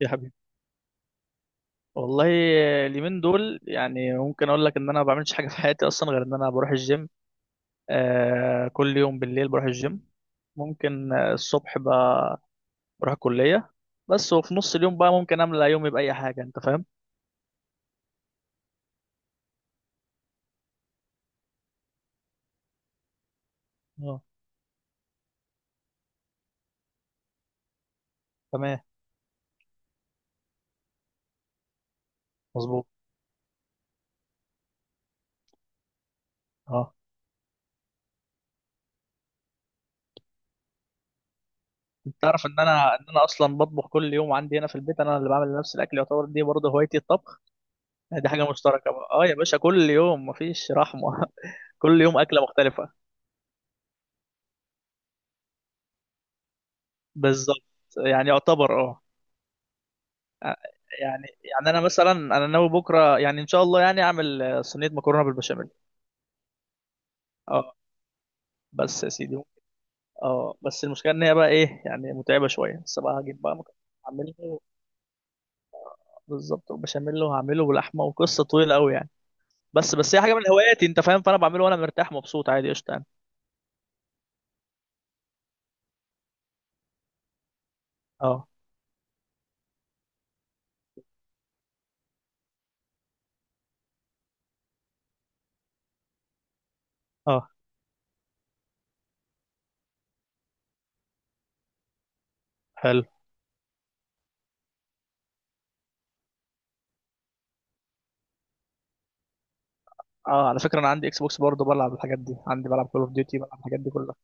يا حبيبي، والله اليومين دول يعني ممكن اقول لك ان انا ما بعملش حاجه في حياتي اصلا غير ان انا بروح الجيم. كل يوم بالليل بروح الجيم. ممكن، الصبح بروح الكليه. بس وفي نص اليوم بقى ممكن املى يومي باي حاجه، انت فاهم؟ اه، تمام، مظبوط. اه، انت تعرف ان انا اصلا بطبخ كل يوم عندي هنا في البيت، انا اللي بعمل نفس الاكل، يعتبر دي برضه هوايتي الطبخ. يعني دي حاجه مشتركه بقى. اه يا باشا، كل يوم مفيش رحمه. كل يوم اكله مختلفه. بالظبط. يعني يعتبر يعني يعني انا مثلا، انا ناوي بكره يعني ان شاء الله يعني اعمل صينيه مكرونه بالبشاميل. اه بس يا سيدي. اه بس المشكله ان هي بقى ايه، يعني متعبه شويه، بس بقى هجيب بقى مكرونه. هعمله بالظبط، وبشاميل، وهعمله بلحمه، وقصه طويله قوي يعني. بس هي حاجه من هواياتي، انت فاهم، فانا بعمله وانا مرتاح مبسوط، عادي، قشطه يعني. اه. اه، حلو. اه، على فكره انا عندي اكس بوكس برضه، بلعب الحاجات دي عندي، بلعب كول اوف ديوتي، بلعب الحاجات دي كلها.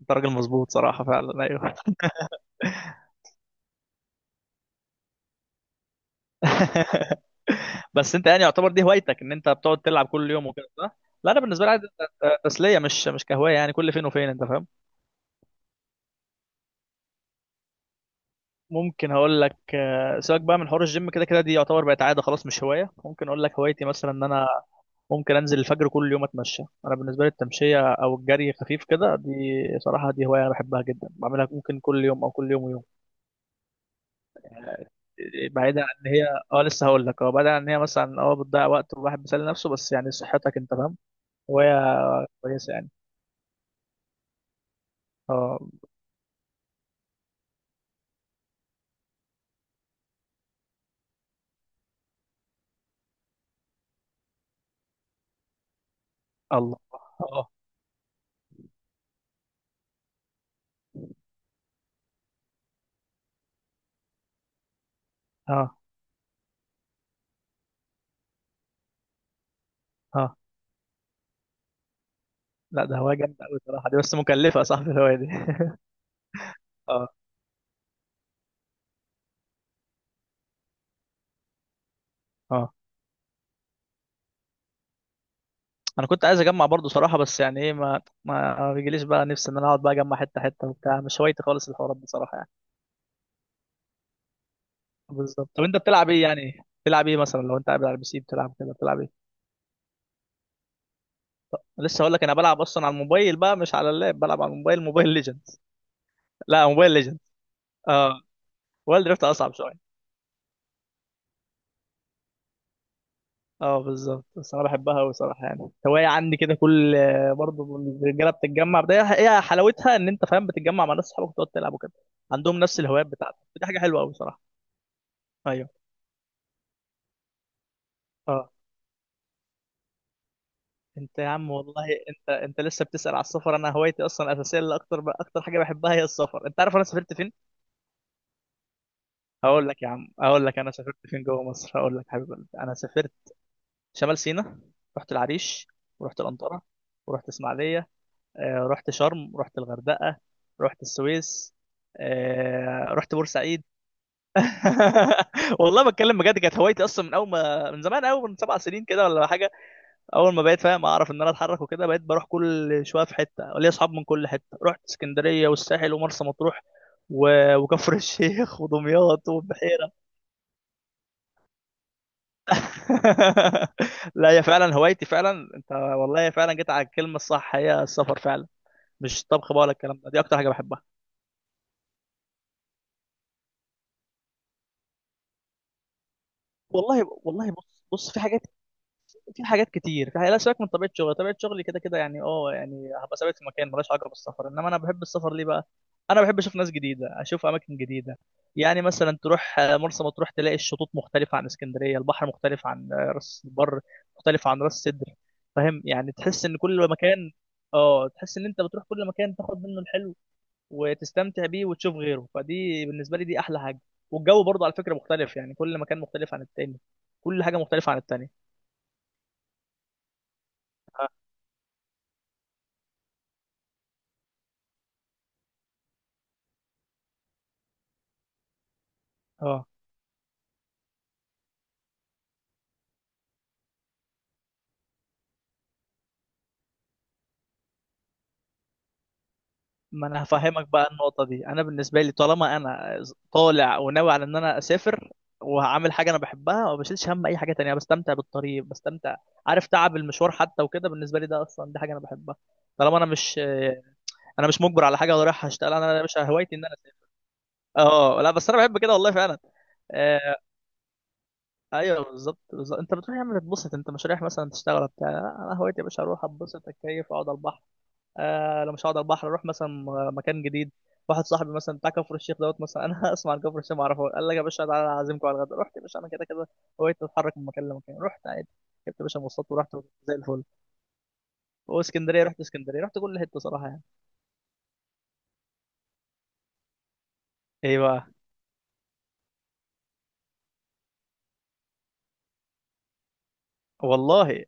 انت راجل مظبوط صراحه، فعلا، ايوه. بس انت يعني يعتبر دي هوايتك، ان انت بتقعد تلعب كل يوم وكده، صح؟ لا، انا بالنسبه لي عادي، تسليه، مش كهوايه يعني، كل فين وفين، انت فاهم. ممكن هقول لك، سيبك بقى من حوار الجيم، كده كده دي يعتبر بقت عاده خلاص، مش هوايه. ممكن اقول لك هوايتي مثلا، ان انا ممكن انزل الفجر كل يوم اتمشى، انا بالنسبه لي التمشيه او الجري خفيف كده دي. صراحه دي هوايه انا بحبها جدا، بعملها ممكن كل يوم او كل يوم ويوم. بعيدا عن ان هي، اه لسه هقول لك، اه بعيدا عن ان هي مثلا بتضيع وقت والواحد بيسلي نفسه، بس يعني صحتك، انت فاهم، هوايه كويسه يعني. اه. الله. اه. اه. اه. لا، ده هواية جامدة أوي صراحة، دي بس مكلفة يا صاحبي الهواية دي. اه. اه، انا كنت عايز اجمع برضو صراحة، بس يعني ايه، ما بيجيليش بقى نفسي ان انا اقعد بقى اجمع حتة حتة وبتاع، مش هوايتي خالص الحوارات دي صراحة يعني. بالظبط. طب انت بتلعب ايه، يعني بتلعب ايه مثلا لو انت قاعد على البي سي بتلعب كده، بتلعب ايه؟ لسه هقول لك، انا بلعب اصلا على الموبايل بقى، مش على اللاب، بلعب على الموبايل، موبايل ليجندز. لا، موبايل ليجندز. اه. وورلد دريفت اصعب شوية. اه بالظبط، بس انا بحبها قوي صراحه يعني، هوايه عندي كده كل. برضه الرجاله بتتجمع، ده هي حلاوتها، ان انت فاهم بتتجمع مع ناس، صحابك وتقعد تلعب وكده، عندهم نفس الهوايات بتاعتك، دي حاجه حلوه قوي صراحه. ايوه. اه. انت يا عم والله، انت لسه بتسال على السفر. انا هوايتي اصلا اساسيه، اللي اكتر اكتر حاجه بحبها هي السفر. انت عارف انا سافرت فين؟ هقول لك يا عم، هقول لك انا سافرت فين جوه مصر، هقول لك حبيب قلبي انا سافرت شمال سيناء، رحت العريش، ورحت الانطره، ورحت اسماعيليه، رحت شرم، رحت الغردقة، رحت السويس، رحت بورسعيد. والله بتكلم بجد، كانت هوايتي اصلا من اول ما، من زمان قوي، من سبع سنين كده ولا حاجه. اول ما بقيت فاهم اعرف ان انا اتحرك وكده، بقيت بروح كل شويه في حته، ليا اصحاب من كل حته، رحت اسكندريه والساحل ومرسى مطروح وكفر الشيخ ودمياط والبحيره. لا، هي فعلا هوايتي فعلا. انت والله فعلا جيت على الكلمه الصح، هي السفر فعلا، مش طبخ بقى ولا الكلام ده، دي اكتر حاجه بحبها. والله والله، بص بص، في حاجات كتير، في حاجات لا سيبك من طبيعه شغلي، طبيعه شغلي كده كده يعني، يعني هبقى ثابت في مكان ملهاش علاقه بالسفر، انما انا بحب السفر ليه بقى؟ انا بحب اشوف ناس جديده، اشوف اماكن جديده، يعني مثلا تروح مرسى مطروح تلاقي الشطوط مختلفه عن اسكندريه، البحر مختلف عن راس البر، مختلف عن راس سدر، فاهم؟ يعني تحس ان كل مكان، اه تحس ان انت بتروح كل مكان تاخد منه الحلو، وتستمتع بيه، وتشوف غيره، فدي بالنسبه لي دي احلى حاجه. والجو برضه على فكره مختلف، يعني كل مكان مختلف عن التاني، كل حاجه مختلفه عن التانيه. اه. آه. ما انا هفهمك بقى النقطه دي، انا بالنسبه لي طالما انا طالع وناوي على ان انا اسافر، وهعمل حاجه انا بحبها، ما بشيلش هم اي حاجه تانية، بستمتع بالطريق، بستمتع، عارف، تعب المشوار حتى وكده بالنسبه لي ده اصلا دي حاجه انا بحبها. طالما انا مش مجبر على حاجه ولا رايح اشتغل، انا يا باشا هوايتي ان انا اسافر. اه، لا بس انا بحب كده والله فعلا. آه. ايوه، بالظبط بالظبط، انت بتروح يا عم تتبسط، انت مش رايح مثلا تشتغل ولا بتاع، لا، انا هوايتي يا باشا اروح اتبسط، اتكيف، اقعد على البحر، آه لو مش هقعد على البحر اروح مثلا مكان جديد. واحد صاحبي مثلا بتاع كفر الشيخ دوت، مثلا انا اسمع عن كفر الشيخ ما اعرفه، قال لك يا باشا تعالى اعزمكم على الغدا، رحت يا باشا انا، كده كده هوايتي اتحرك من مكان لمكان، رحت عادي، جبت يا باشا مواصلات ورحت، زي الفل. واسكندريه رحت، اسكندريه رحت كل حته صراحه يعني. ايه بقى؟ والله.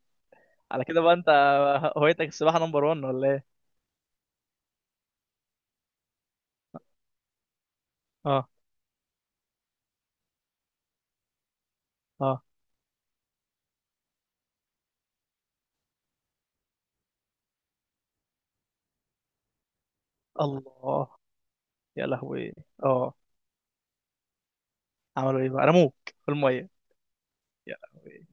على كده بقى انت هوايتك السباحه نمبر 1 ولا ايه؟ اه. اه. الله. يا لهوي. اه، عملوا ايه بقى، رموك في الميه؟ يا لهوي.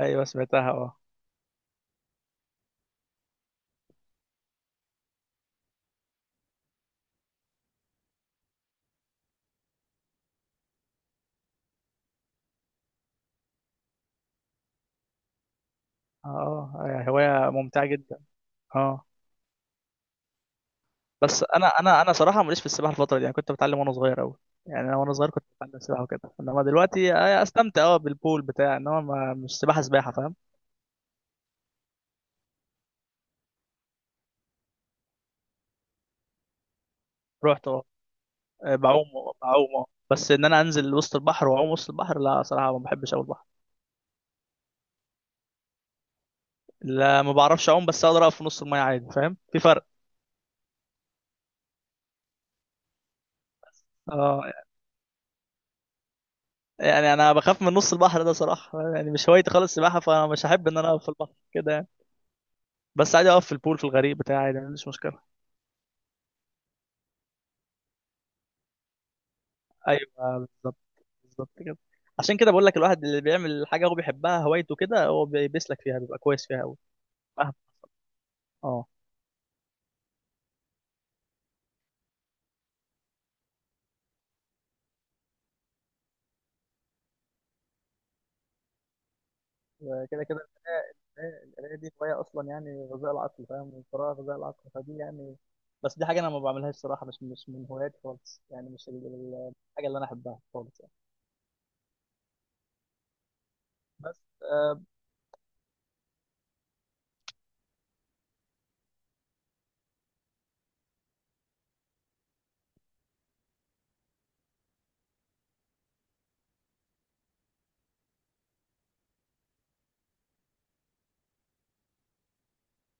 ايوه سمعتها اه. اه، هوايه ممتعه جدا. اه، بس انا صراحه ماليش في السباحه الفتره دي يعني، كنت بتعلم وانا صغير قوي، يعني انا وانا صغير كنت بتعلم سباحه وكده، انما دلوقتي استمتع اه بالبول بتاع، انما ما مش سباحه سباحه فاهم. رحت اه. بعوم، بعوم بس ان انا انزل وسط البحر واعوم وسط البحر، لا صراحه ما بحبش اول البحر. لا، ما بعرفش اعوم، بس اقدر اقف في نص الميه عادي، فاهم، في فرق. اه، يعني انا بخاف من نص البحر ده صراحه، يعني مش هوايتي خالص السباحه، فانا مش هحب ان انا اقف في البحر كده يعني. بس عادي اقف في البول في الغريق بتاعي، عادي، ما عنديش مشكله. ايوه، بالظبط بالظبط كده، عشان كده بقول لك الواحد اللي بيعمل حاجه هو بيحبها هوايته كده، هو بيسلك فيها، بيبقى كويس فيها قوي، فاهم. اه. وكده كده القراية دي هواية أصلا يعني، غذاء العقل، فاهم، القراءة غذاء العقل، فدي يعني، بس دي حاجة أنا ما بعملهاش صراحة، مش من هواياتي خالص يعني، مش الحاجة اللي أنا أحبها خالص يعني. بس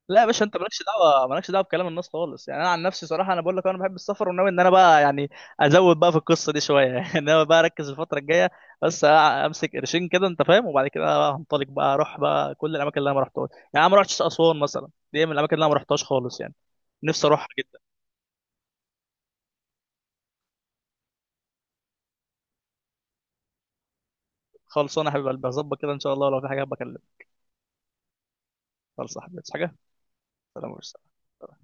لا يا باشا، انت مالكش دعوه، مالكش دعوه بكلام الناس خالص يعني. انا عن نفسي صراحه انا بقول لك، انا بحب السفر وناوي ان انا بقى يعني ازود بقى في القصه دي شويه. يعني انا بقى اركز الفتره الجايه بس، امسك قرشين كده انت فاهم، وبعد كده بقى هنطلق بقى، اروح بقى كل الاماكن اللي انا ما رحتهاش، يعني انا ما رحتش اسوان مثلا، دي من الاماكن اللي انا ما رحتهاش خالص يعني، نفسي اروحها جدا. خلصانه يا حبيب قلبي، هظبط كده ان شاء الله، لو في حاجه بكلمك. خلص يا حبيبي، عايز حاجه؟ سلام عليكم.